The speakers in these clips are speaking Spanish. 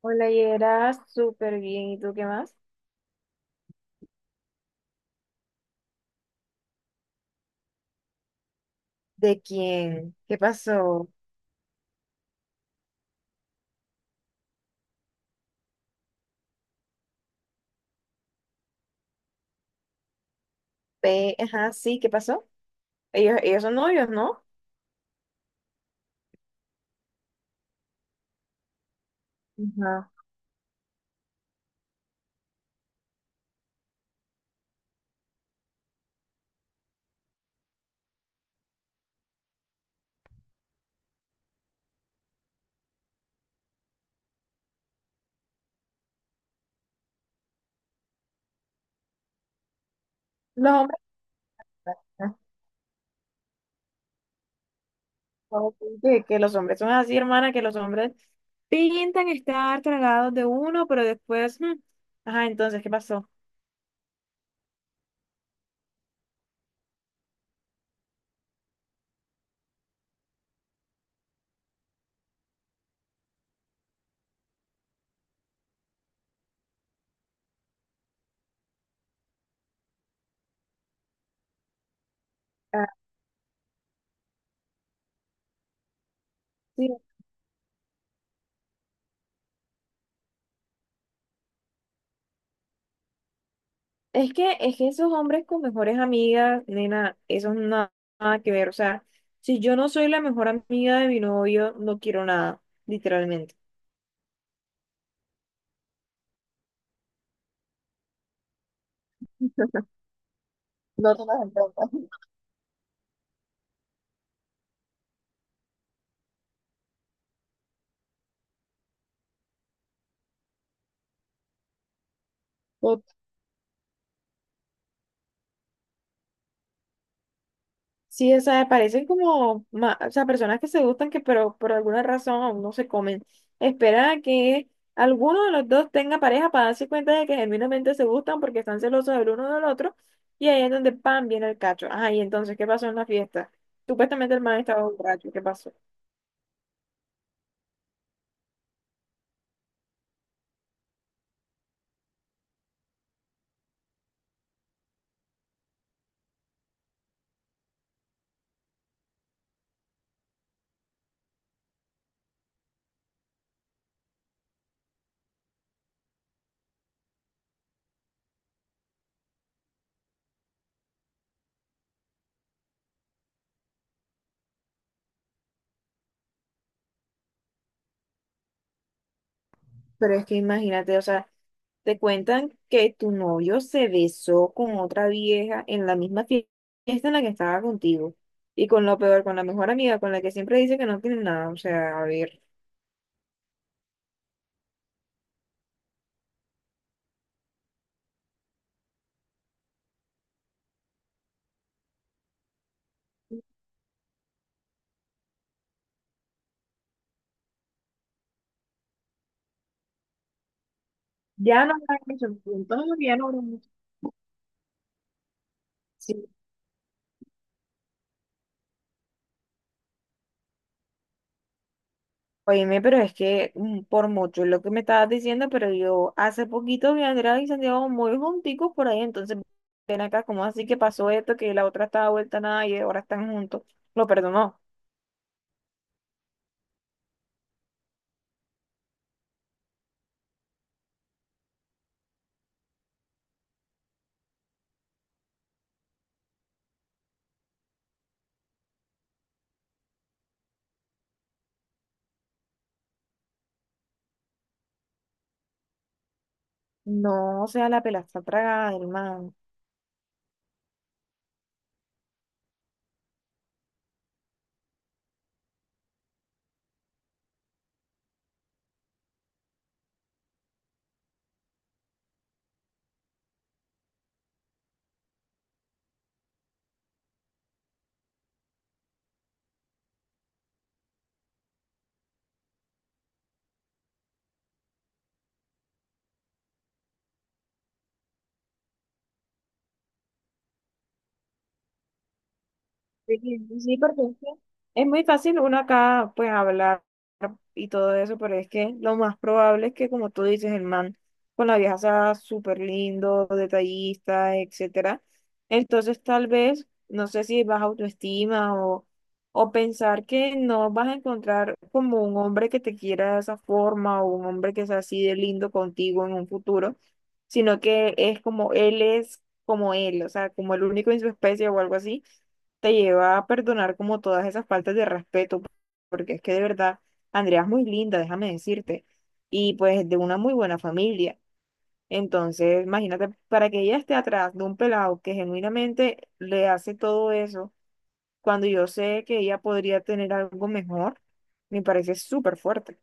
Hola, Yera, súper bien. ¿Y tú qué más? ¿De quién? ¿Qué pasó? Ajá, sí, ¿qué pasó? Ellos son novios, ¿no? Ajá. Los hombres, ¿no? Que los hombres son así, hermana, que los hombres pintan estar tragados de uno, pero después, ajá, entonces, ¿qué pasó? Ah, sí. Es que esos hombres con mejores amigas, nena, eso no nada, nada que ver. O sea, si yo no soy la mejor amiga de mi novio, no quiero nada, literalmente. No te las entiendo. O- sí, o sea, parecen como, o sea, personas que se gustan que pero por alguna razón aún no se comen. Espera a que alguno de los dos tenga pareja para darse cuenta de que genuinamente se gustan porque están celosos del uno del otro y ahí es donde pan viene el cacho. Ajá, y entonces, ¿qué pasó en la fiesta? Supuestamente el man estaba borracho, ¿qué pasó? Pero es que imagínate, o sea, te cuentan que tu novio se besó con otra vieja en la misma fiesta en la que estaba contigo. Y con lo peor, con la mejor amiga, con la que siempre dice que no tiene nada. O sea, a ver. Ya no habrá mucho, entonces ya no habrá mucho. Sí. Oíme, pero es que por mucho es lo que me estabas diciendo, pero yo hace poquito vi a Andrea y Santiago muy junticos por ahí, entonces ven acá, ¿cómo así que pasó esto? Que la otra estaba vuelta a nada y ahora están juntos. Lo perdonó. No, o sea, la pela está tragada, hermano. Sí, sí, porque es que es muy fácil uno acá pues hablar y todo eso, pero es que lo más probable es que como tú dices, el man con la vieja sea súper lindo, detallista, etcétera. Entonces tal vez, no sé si baja autoestima o pensar que no vas a encontrar como un hombre que te quiera de esa forma o un hombre que sea así de lindo contigo en un futuro, sino que es como él, o sea, como el único en su especie o algo así te lleva a perdonar como todas esas faltas de respeto, porque es que de verdad, Andrea es muy linda, déjame decirte, y pues de una muy buena familia. Entonces, imagínate, para que ella esté atrás de un pelado que genuinamente le hace todo eso, cuando yo sé que ella podría tener algo mejor, me parece súper fuerte.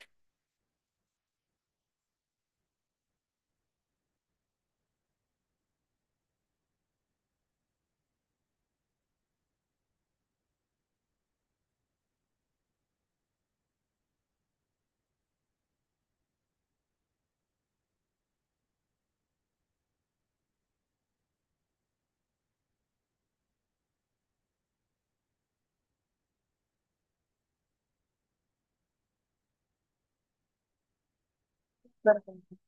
Perfecto.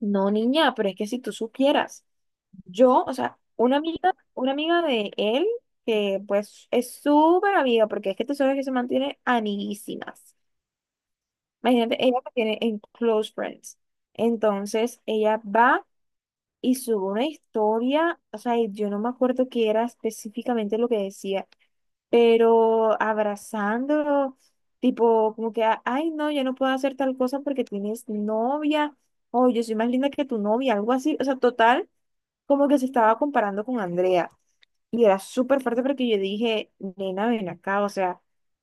No, niña, pero es que si tú supieras. Yo, o sea, una amiga de él, que pues es súper amiga, porque es que tú sabes que se mantiene amiguísimas. Imagínate, ella que tiene en Close Friends. Entonces, ella va y sube una historia, o sea, y yo no me acuerdo qué era específicamente lo que decía, pero abrazándolo, tipo, como que, ay, no, yo no puedo hacer tal cosa porque tienes novia, o yo soy más linda que tu novia, algo así, o sea, total, como que se estaba comparando con Andrea. Y era súper fuerte porque yo dije, nena, ven acá, o sea,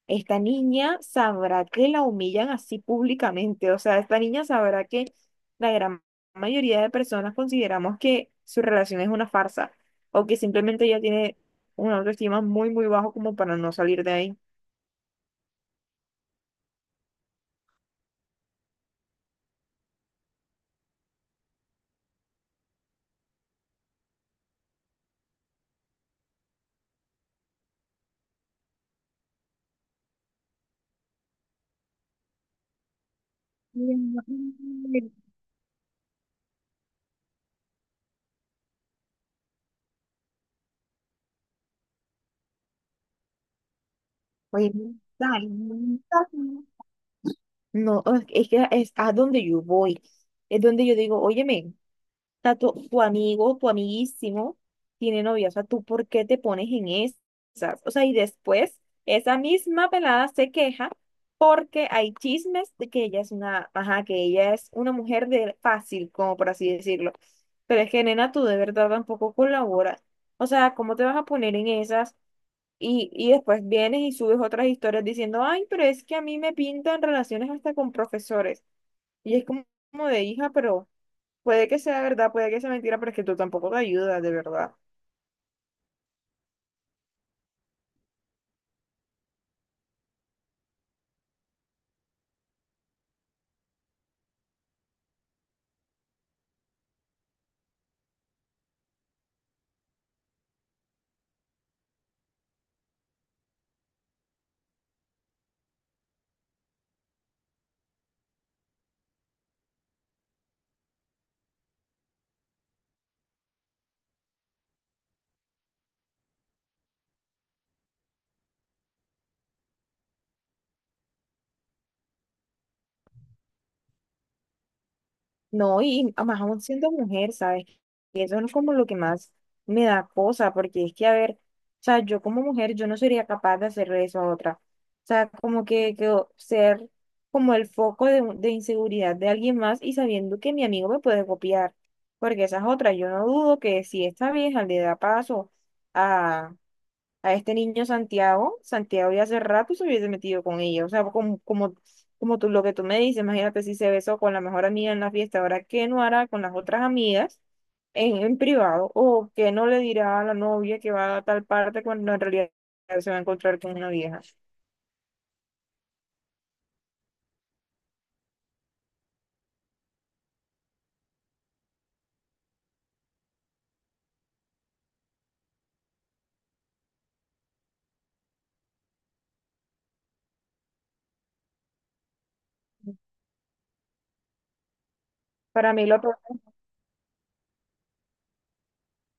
esta niña sabrá que la humillan así públicamente, o sea, esta niña sabrá que la gran mayoría de personas consideramos que su relación es una farsa o que simplemente ella tiene una autoestima muy, muy bajo como para no salir de ahí. Oye, dale, no, es que es a donde yo voy, es donde yo digo, óyeme. Sea, tu amigo, tu amiguísimo tiene novia, o sea, ¿tú por qué te pones en esas? O sea, y después esa misma pelada se queja porque hay chismes de que ella es una, ajá, que ella es una mujer de fácil, como por así decirlo. Pero es que, nena, tú de verdad tampoco colaboras. O sea, ¿cómo te vas a poner en esas? Y después vienes y subes otras historias diciendo, ay, pero es que a mí me pintan relaciones hasta con profesores. Y es como, como de hija, pero... Puede que sea verdad, puede que sea mentira, pero es que tú tampoco te ayudas, de verdad. No, y además aún siendo mujer, ¿sabes? Y eso no es como lo que más me da cosa, porque es que, a ver, o sea, yo como mujer, yo no sería capaz de hacerle eso a otra. O sea, como que, ser como el foco de, de inseguridad de alguien más y sabiendo que mi amigo me puede copiar, porque esa es otra. Yo no dudo que si esta vieja le da paso a este niño Santiago, Santiago ya hace rato se hubiese metido con ella, o sea, como, como, como tú, lo que tú me dices, imagínate si se besó con la mejor amiga en la fiesta, ahora qué no hará con las otras amigas en privado, o qué no le dirá a la novia que va a tal parte cuando en realidad se va a encontrar con una vieja. Para mí lo peor,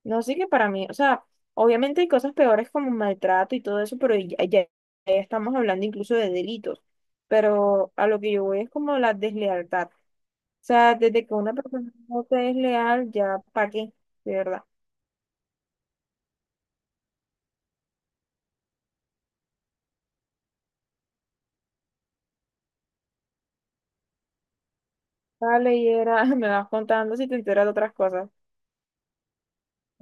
no sí que para mí, o sea, obviamente hay cosas peores como maltrato y todo eso, pero ya, ya ya estamos hablando incluso de delitos, pero a lo que yo voy es como la deslealtad. Sea, desde que una persona no te es leal, ya, ¿para qué? De verdad. Dale, y era, me vas contando si te enteras de otras cosas.